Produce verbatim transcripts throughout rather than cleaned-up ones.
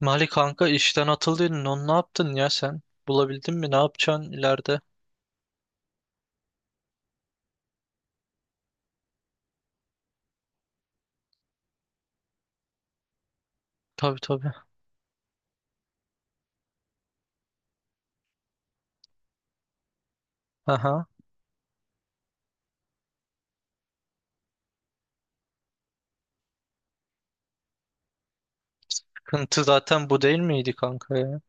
Mali kanka, işten atıldın. Onu ne yaptın ya sen? Bulabildin mi? Ne yapacaksın ileride? Tabii tabii. Aha. Sıkıntı zaten bu değil miydi kanka ya?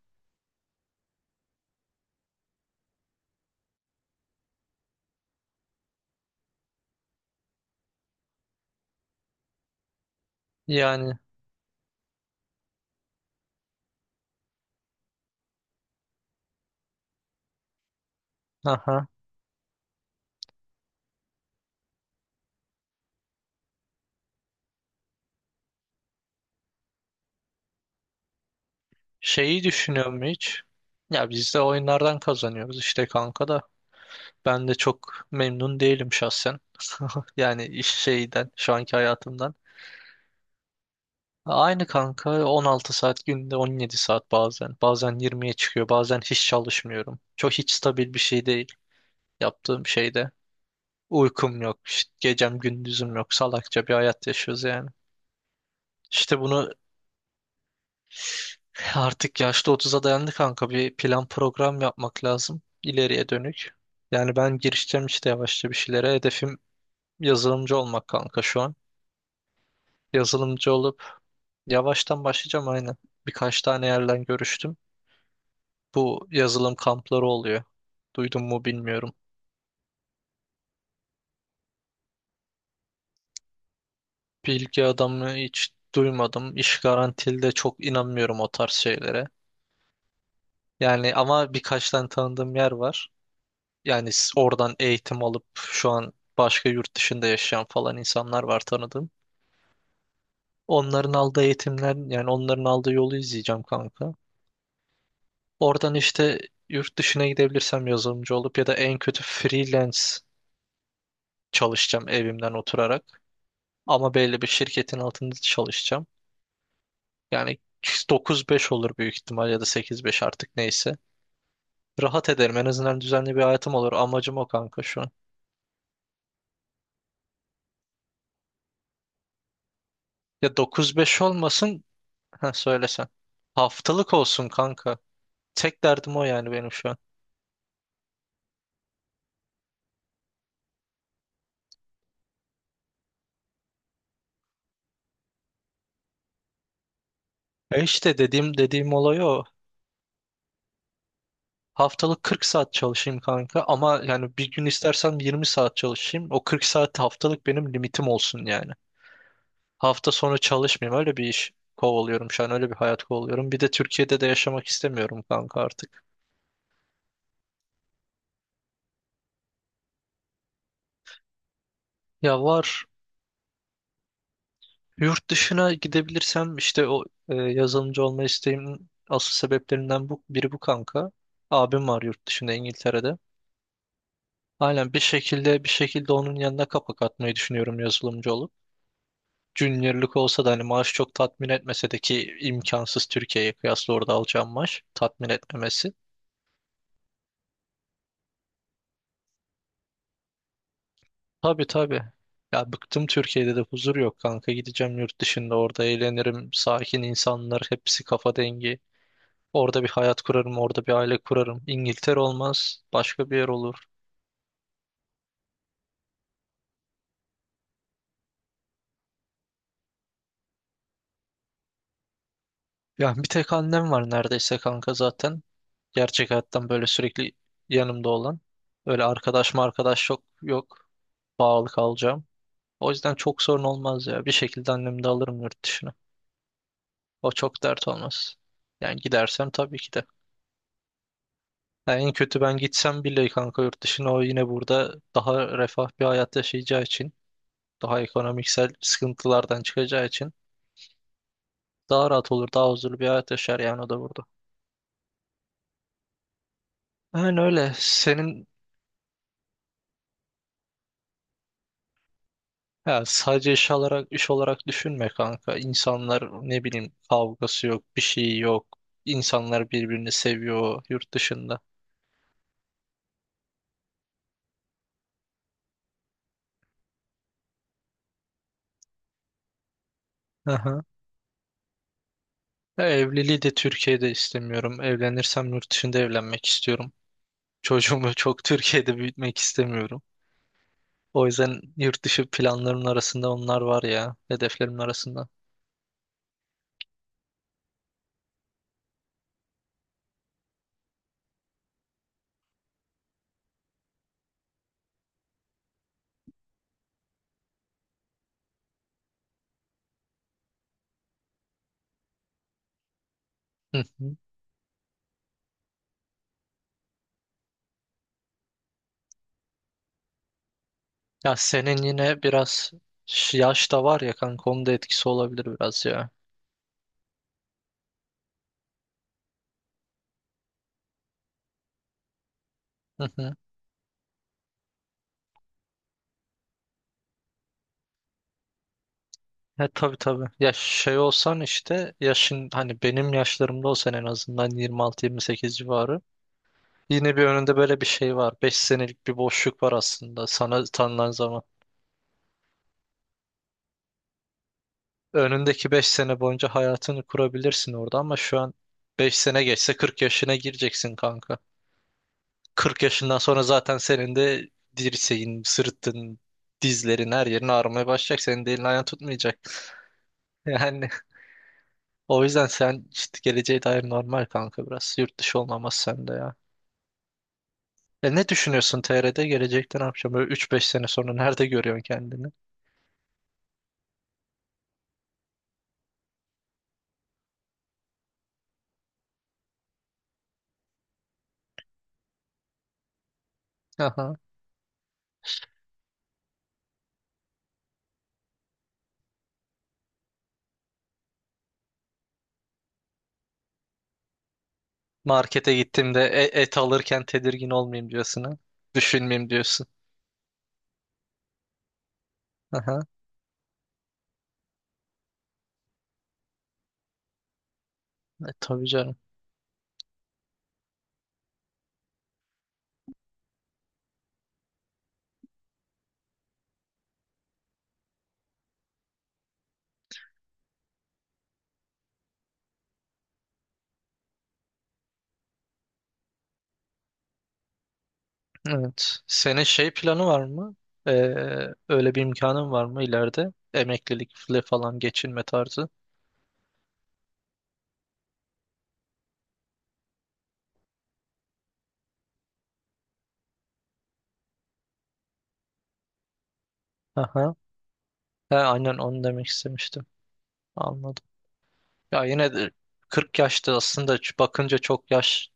Yani aha. Şeyi düşünüyor mu hiç? Ya biz de oyunlardan kazanıyoruz işte kanka da. Ben de çok memnun değilim şahsen. Yani iş şeyden, şu anki hayatımdan. Aynı kanka, on altı saat günde, on yedi saat bazen. Bazen yirmiye çıkıyor. Bazen hiç çalışmıyorum. Çok hiç stabil bir şey değil yaptığım şeyde. Uykum yok, işte gecem gündüzüm yok. Salakça bir hayat yaşıyoruz yani. İşte bunu artık, yaşlı otuza dayandı kanka. Bir plan program yapmak lazım ileriye dönük. Yani ben girişeceğim işte yavaşça bir şeylere. Hedefim yazılımcı olmak kanka şu an. Yazılımcı olup yavaştan başlayacağım aynen. Birkaç tane yerden görüştüm. Bu yazılım kampları oluyor. Duydun mu bilmiyorum. Bilgi adamı hiç duymadım. İş garantili de çok inanmıyorum o tarz şeylere. Yani ama birkaç tane tanıdığım yer var. Yani s- oradan eğitim alıp şu an başka yurt dışında yaşayan falan insanlar var tanıdığım. Onların aldığı eğitimler, yani onların aldığı yolu izleyeceğim kanka. Oradan işte yurt dışına gidebilirsem yazılımcı olup ya da en kötü freelance çalışacağım, evimden oturarak. Ama belli bir şirketin altında çalışacağım. Yani dokuz beş olur büyük ihtimal, ya da sekiz beş artık neyse. Rahat ederim, en azından düzenli bir hayatım olur. Amacım o kanka şu an. Ya dokuz beş olmasın. Ha söylesen. Haftalık olsun kanka. Tek derdim o yani benim şu an. E işte dediğim dediğim olay o. Haftalık kırk saat çalışayım kanka, ama yani bir gün istersem yirmi saat çalışayım. O kırk saat haftalık benim limitim olsun yani. Hafta sonu çalışmayayım, öyle bir iş kovalıyorum şu an, öyle bir hayat kovalıyorum. Bir de Türkiye'de de yaşamak istemiyorum kanka artık. Ya var, yurt dışına gidebilirsem işte o e, yazılımcı olma isteğimin asıl sebeplerinden bu, biri bu kanka. Abim var yurt dışında, İngiltere'de. Aynen, bir şekilde bir şekilde onun yanına kapak atmayı düşünüyorum yazılımcı olup. Junior'lık olsa da, hani maaş çok tatmin etmese de, ki imkansız Türkiye'ye kıyasla orada alacağım maaş tatmin etmemesi. Tabii tabii. Ya bıktım, Türkiye'de de huzur yok kanka, gideceğim yurt dışında, orada eğlenirim, sakin insanlar, hepsi kafa dengi. Orada bir hayat kurarım, orada bir aile kurarım. İngiltere olmaz, başka bir yer olur. Yani bir tek annem var neredeyse kanka zaten. Gerçek hayattan böyle sürekli yanımda olan. Öyle arkadaş mı, arkadaş yok, yok. Bağlı kalacağım. O yüzden çok sorun olmaz ya. Bir şekilde annemi de alırım yurt dışına. O çok dert olmaz. Yani gidersem tabii ki de. Yani en kötü ben gitsem bile kanka yurt dışına, o yine burada daha refah bir hayat yaşayacağı için, daha ekonomiksel sıkıntılardan çıkacağı için daha rahat olur, daha huzurlu bir hayat yaşar yani o da burada. Yani öyle. Senin. Ya sadece iş olarak iş olarak düşünme kanka. İnsanlar, ne bileyim, kavgası yok, bir şey yok. İnsanlar birbirini seviyor yurt dışında. Aha. Ya evliliği de Türkiye'de istemiyorum. Evlenirsem yurt dışında evlenmek istiyorum. Çocuğumu çok Türkiye'de büyütmek istemiyorum. O yüzden yurt dışı planlarımın arasında onlar var ya, hedeflerimin arasında. Hı hı. Ya senin yine biraz ş- yaş da var ya kanka, onun da etkisi olabilir biraz ya. Hı hı. Ya tabii tabii. Ya şey olsan işte, yaşın hani benim yaşlarımda olsan, en azından yirmi altı yirmi sekiz civarı. Yine bir önünde böyle bir şey var. Beş senelik bir boşluk var aslında sana tanınan zaman. Önündeki beş sene boyunca hayatını kurabilirsin orada, ama şu an beş sene geçse kırk yaşına gireceksin kanka. Kırk yaşından sonra zaten senin de dirseğin, sırtın, dizlerin, her yerin ağrımaya başlayacak. Senin de elin ayağın tutmayacak. Yani, o yüzden sen işte geleceğe dair normal kanka biraz. Yurt dışı olmaması sende ya. E, ne düşünüyorsun T R'de? Gelecekte ne yapacağım? Böyle üç beş sene sonra nerede görüyorsun kendini? Aha. Markete gittiğimde e- et alırken tedirgin olmayayım diyorsun ha. Düşünmeyeyim diyorsun. Aha. E, tabii canım. Evet. Senin şey planı var mı? Ee, Öyle bir imkanın var mı ileride? Emeklilikle falan geçinme tarzı. Aha. He, aynen onu demek istemiştim. Anladım. Ya yine de kırk yaşta aslında ç- bakınca çok yaş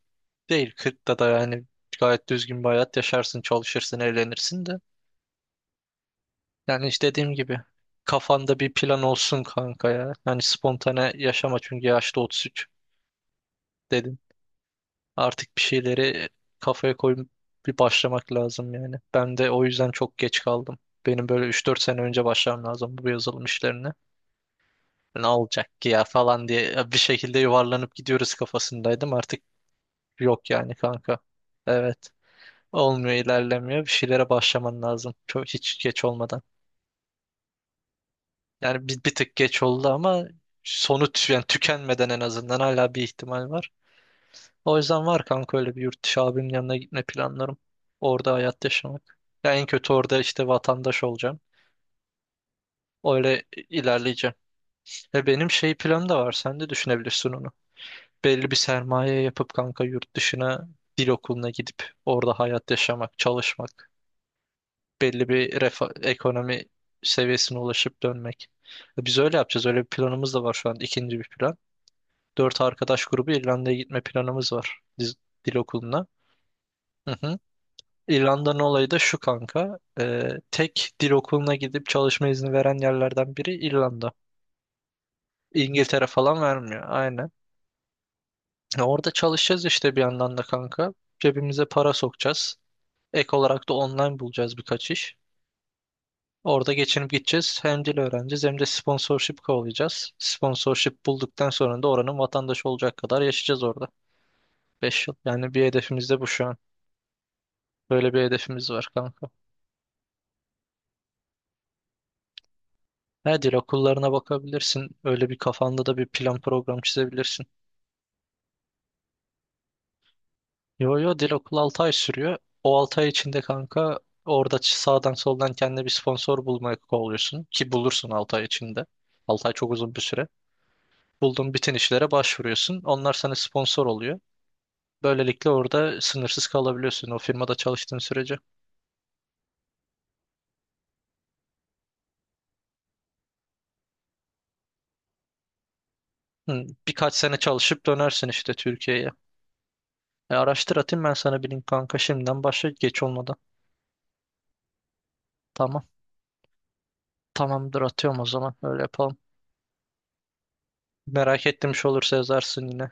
değil. kırkta da yani gayet düzgün bir hayat yaşarsın, çalışırsın, eğlenirsin de. Yani işte dediğim gibi, kafanda bir plan olsun kanka ya. Yani spontane yaşama, çünkü yaşta otuz üç dedim. Artık bir şeyleri kafaya koyup bir başlamak lazım yani. Ben de o yüzden çok geç kaldım. Benim böyle üç dört sene önce başlamam lazım bu yazılım işlerine. Ne olacak ki ya falan diye bir şekilde yuvarlanıp gidiyoruz kafasındaydım. Artık yok yani kanka. Evet. Olmuyor, ilerlemiyor. Bir şeylere başlaman lazım. Çok hiç geç olmadan. Yani bir, bir tık geç oldu, ama sonu tü- yani tükenmeden en azından hala bir ihtimal var. O yüzden var kanka, öyle bir yurt dışı abimin yanına gitme planlarım. Orada hayat yaşamak. Ya en kötü orada işte vatandaş olacağım. Öyle ilerleyeceğim. Ve benim şey planım da var. Sen de düşünebilirsin onu. Belli bir sermaye yapıp kanka yurt dışına dil okuluna gidip orada hayat yaşamak, çalışmak. Belli bir refa- ekonomi seviyesine ulaşıp dönmek. Biz öyle yapacağız. Öyle bir planımız da var şu an. İkinci bir plan. Dört arkadaş grubu İrlanda'ya gitme planımız var. Diz-. Dil okuluna. Hı hı. İrlanda'nın olayı da şu kanka. Ee, tek dil okuluna gidip çalışma izni veren yerlerden biri İrlanda. İngiltere falan vermiyor. Aynen. Ya orada çalışacağız işte bir yandan da kanka. Cebimize para sokacağız. Ek olarak da online bulacağız birkaç iş. Orada geçinip gideceğiz. Hem dil öğreneceğiz hem de sponsorship kovalayacağız. Sponsorship bulduktan sonra da oranın vatandaşı olacak kadar yaşayacağız orada. Beş yıl. Yani bir hedefimiz de bu şu an. Böyle bir hedefimiz var kanka. He, dil okullarına bakabilirsin. Öyle bir kafanda da bir plan program çizebilirsin. Yo yo, dil okulu altı ay sürüyor. O altı ay içinde kanka orada ç- sağdan soldan kendine bir sponsor bulmaya kovalıyorsun. Ki bulursun altı ay içinde. altı ay çok uzun bir süre. Bulduğun bütün işlere başvuruyorsun. Onlar sana sponsor oluyor. Böylelikle orada sınırsız kalabiliyorsun, o firmada çalıştığın sürece. Hı, birkaç sene çalışıp dönersin işte Türkiye'ye. E, araştır, atayım ben sana bir link kanka, şimdiden başla geç olmadan. Tamam. Tamamdır, atıyorum o zaman, öyle yapalım. Merak ettim, bir şey olursa yazarsın yine.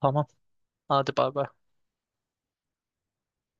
Tamam. Hadi bay bay.